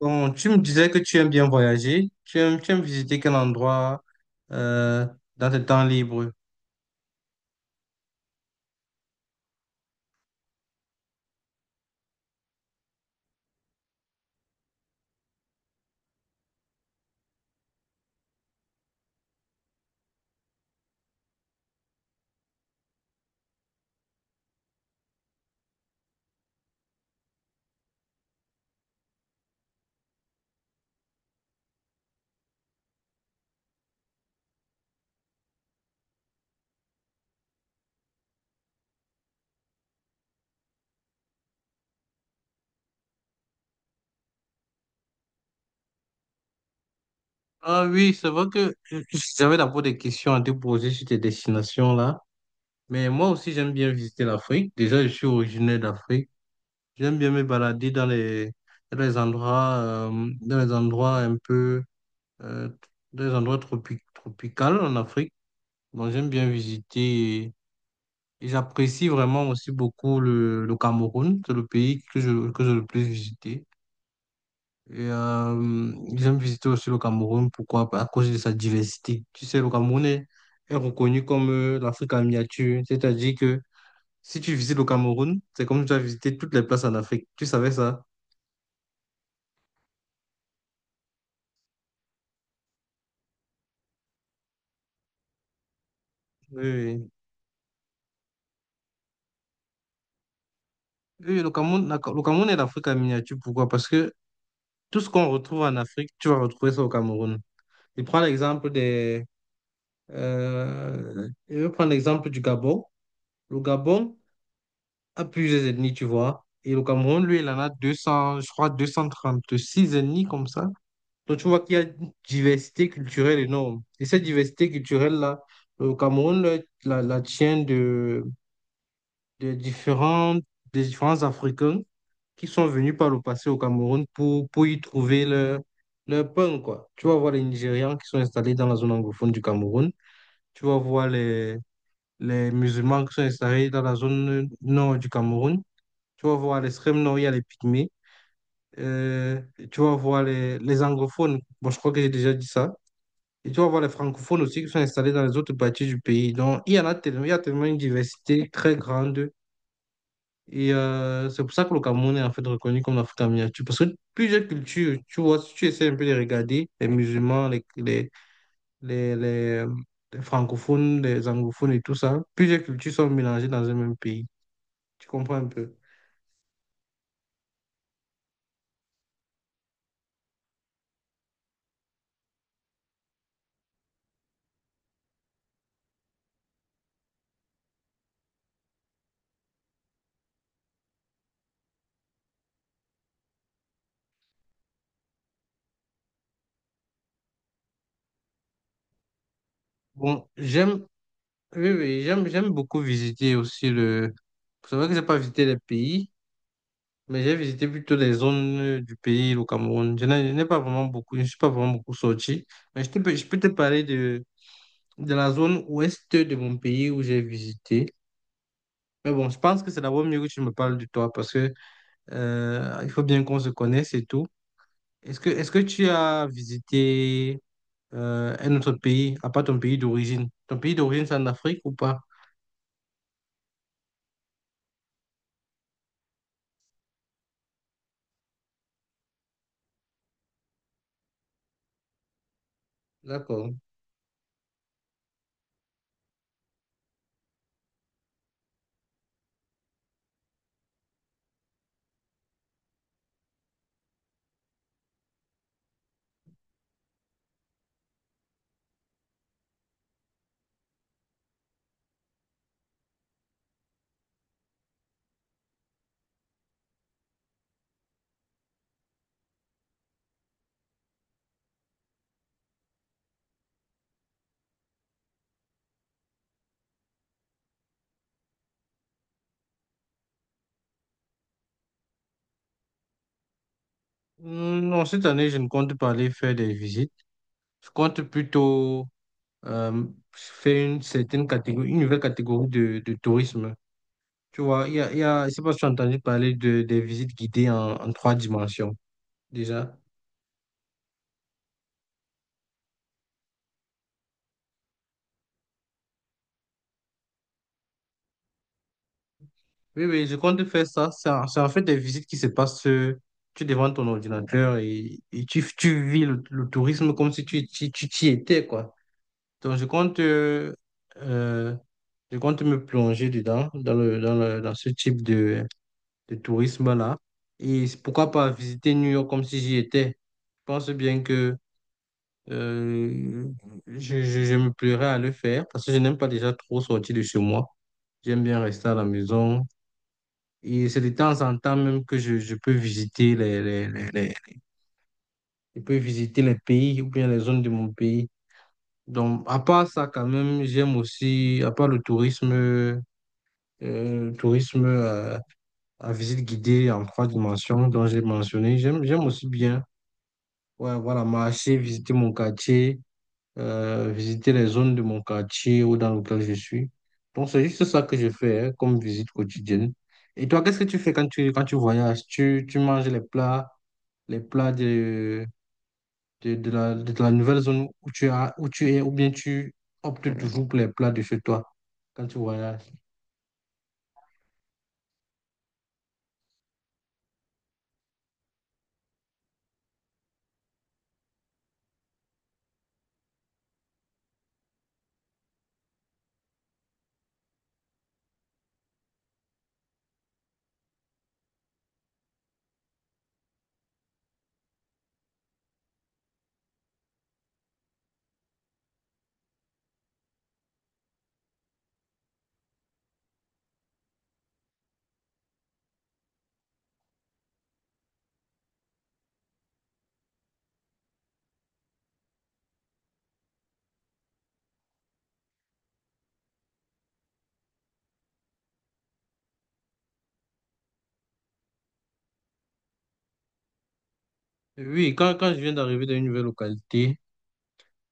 Bon, tu me disais que tu aimes bien voyager. Tu aimes visiter quel endroit euh, dans tes temps libres? Ah oui, c'est vrai que euh, j'avais d'abord des questions à te poser sur tes destinations là. Mais moi aussi, j'aime bien visiter l'Afrique. Déjà, je suis originaire d'Afrique. J'aime bien me balader dans les dans les endroits un euh, dans les endroits tropicaux en Afrique. Bon, j'aime bien visiter. Et j'apprécie vraiment aussi beaucoup le Cameroun. C'est le pays que j'ai le plus visité. Et j'aime visiter aussi le Cameroun. Pourquoi? À cause de sa diversité. Tu sais, est reconnu comme l'Afrique en miniature. C'est-à-dire que si tu visites le Cameroun, c'est comme si tu as visité toutes les places en Afrique. Tu savais ça? Oui, oui. Oui, le Cameroun est l'Afrique en miniature. Pourquoi? Parce que tout ce qu'on retrouve en Afrique, tu vas retrouver ça au Cameroun. Je prends l'exemple des... Je vais prendre l'exemple du Gabon. Le Gabon a plusieurs ethnies, tu vois. Et le Cameroun, lui, il en a 200, je crois, 236 ennemis comme ça. Donc, tu vois qu'il y a une diversité culturelle énorme. Et cette diversité culturelle-là, le Cameroun la tient de des différents Africains qui sont venus par le passé au Cameroun pour y trouver leur pain, quoi. Tu vas voir les Nigérians qui sont installés dans la zone anglophone du Cameroun. Tu vas voir les musulmans qui sont installés dans la zone nord du Cameroun. Tu vas voir les Sremno, il y les Pygmées. Euh, Tu vas voir les anglophones. Bon, je crois que j'ai déjà dit ça. Et tu vas voir les francophones aussi qui sont installés dans les autres parties du pays. Donc, il y en a tellement, il y a tellement une diversité très grande. Et c'est pour ça que le Cameroun est en fait reconnu comme l'Afrique en miniature. Parce que plusieurs cultures, tu vois, si tu essaies un peu de regarder, les musulmans, les, les, les francophones, les anglophones et tout ça, plusieurs cultures sont mélangées dans un même pays. Tu comprends un peu? Bon, j'aime Oui, oui, j'aime beaucoup visiter aussi le... C'est vrai que j'ai pas visité les pays, mais j'ai visité plutôt les zones du pays, le Cameroun. Je n'ai pas vraiment beaucoup, je suis pas vraiment beaucoup sorti, mais je peux te parler de la zone ouest de mon pays où j'ai visité. Mais bon, je pense que c'est d'abord mieux que tu me parles de toi parce que il faut bien qu'on se connaisse et tout. Est-ce que tu as visité un autre pays, à part ton pays d'origine? Ton pays d'origine, c'est en Afrique ou pas? D'accord. Hmm. Non, cette année, je ne compte pas aller faire des visites. Je compte plutôt euh, faire une certaine catégorie, une nouvelle catégorie de tourisme. Tu vois, je sais pas si tu as entendu parler de, des visites guidées en trois dimensions, déjà. Oui, oui, je compte faire ça. C'est en fait des visites qui se passent. Tu es devant ton ordinateur et tu vis le tourisme comme si tu t'y étais, quoi. Donc, euh, je compte me plonger dedans, dans ce type de tourisme-là. Et c'est pourquoi pas visiter New York comme si j'y étais. Je pense bien que euh, je me plairais à le faire parce que je n'aime pas déjà trop sortir de chez moi. J'aime bien rester à la maison et c'est de temps en temps même que je peux visiter je peux visiter les pays ou bien les zones de mon pays. Donc, à part ça, quand même, j'aime aussi, à part le tourisme, le tourisme euh, à visite guidée en trois dimensions dont j'ai mentionné, j'aime aussi bien, ouais, voilà, marcher, visiter mon quartier, visiter les zones de mon quartier ou dans lequel je suis. Donc, c'est juste ça que je fais hein, comme visite quotidienne. Et toi, qu'est-ce que tu fais quand quand tu voyages? Tu manges les plats de la nouvelle zone où tu as, où tu es, ou bien tu optes toujours pour les plats de chez toi quand tu voyages? Oui, quand je viens d'arriver dans une nouvelle localité,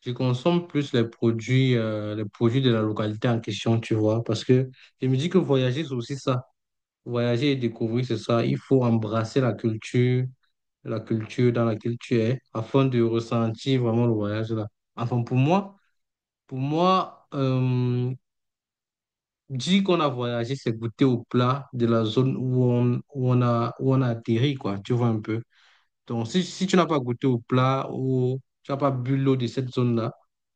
je consomme plus les produits de la localité en question, tu vois, parce que je me dis que voyager, c'est aussi ça. Voyager et découvrir, c'est ça. Il faut embrasser la culture dans laquelle tu es, afin de ressentir vraiment le voyage là. Enfin, pour moi, dire qu'on a voyagé, c'est goûter au plat de la zone où où on a atterri, quoi. Tu vois un peu. Donc, si tu n'as pas goûté au plat ou tu n'as pas bu l'eau de cette zone-là,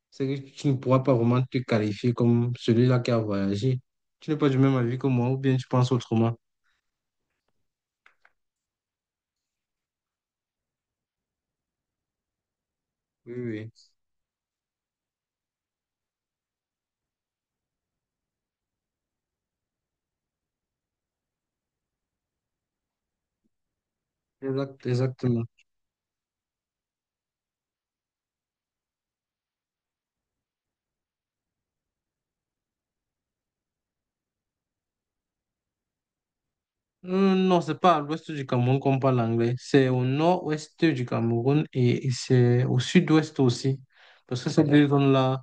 c'est que tu ne pourras pas vraiment te qualifier comme celui-là qui a voyagé. Tu n'es pas du même avis que moi, ou bien tu penses autrement. Oui, oui, exactement. Non, c'est pas à l'ouest du Cameroun qu'on parle anglais. C'est au nord-ouest du Cameroun et c'est au sud-ouest aussi. Parce que ces deux zones-là,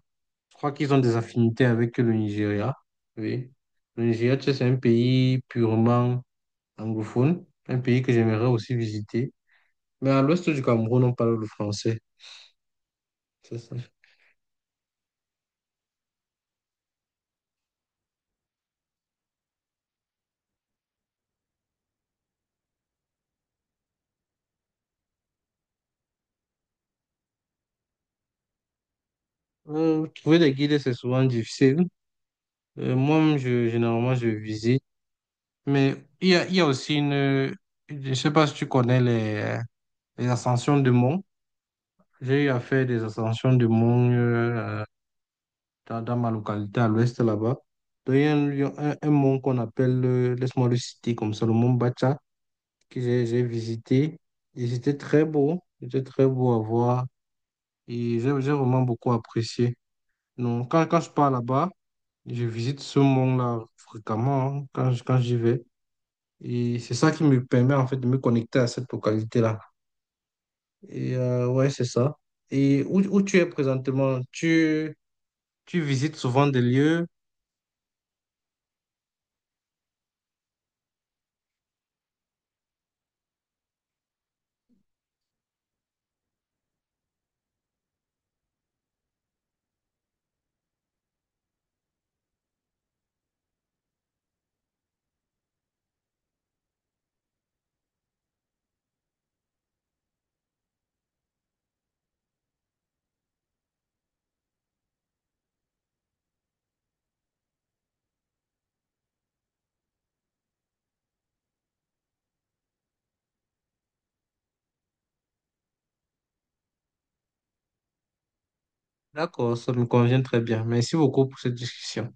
je crois qu'ils ont des affinités avec le Nigeria. Oui. Le Nigeria, tu sais, c'est un pays purement anglophone, un pays que j'aimerais aussi visiter. Mais à l'ouest du Cameroun, on parle le français. C'est ça. Trouver des guides, c'est souvent difficile. Moi-même, généralement, je visite. Mais il y a aussi une... Je sais pas si tu connais les... Les ascensions de mont. J'ai eu à faire des ascensions de mont dans ma localité à l'ouest là-bas. Donc, il y a un mont qu'on appelle, laisse-moi le citer comme ça, le mont Bacha, que j'ai visité. Et c'était très beau à voir. Et j'ai vraiment beaucoup apprécié. Donc, quand je pars là-bas, je visite ce mont-là fréquemment hein, quand j'y vais. Et c'est ça qui me permet en fait de me connecter à cette localité-là. Et ouais, c'est ça. Et où tu es présentement? Tu visites souvent des lieux? D'accord, ça me convient très bien. Merci beaucoup pour cette discussion.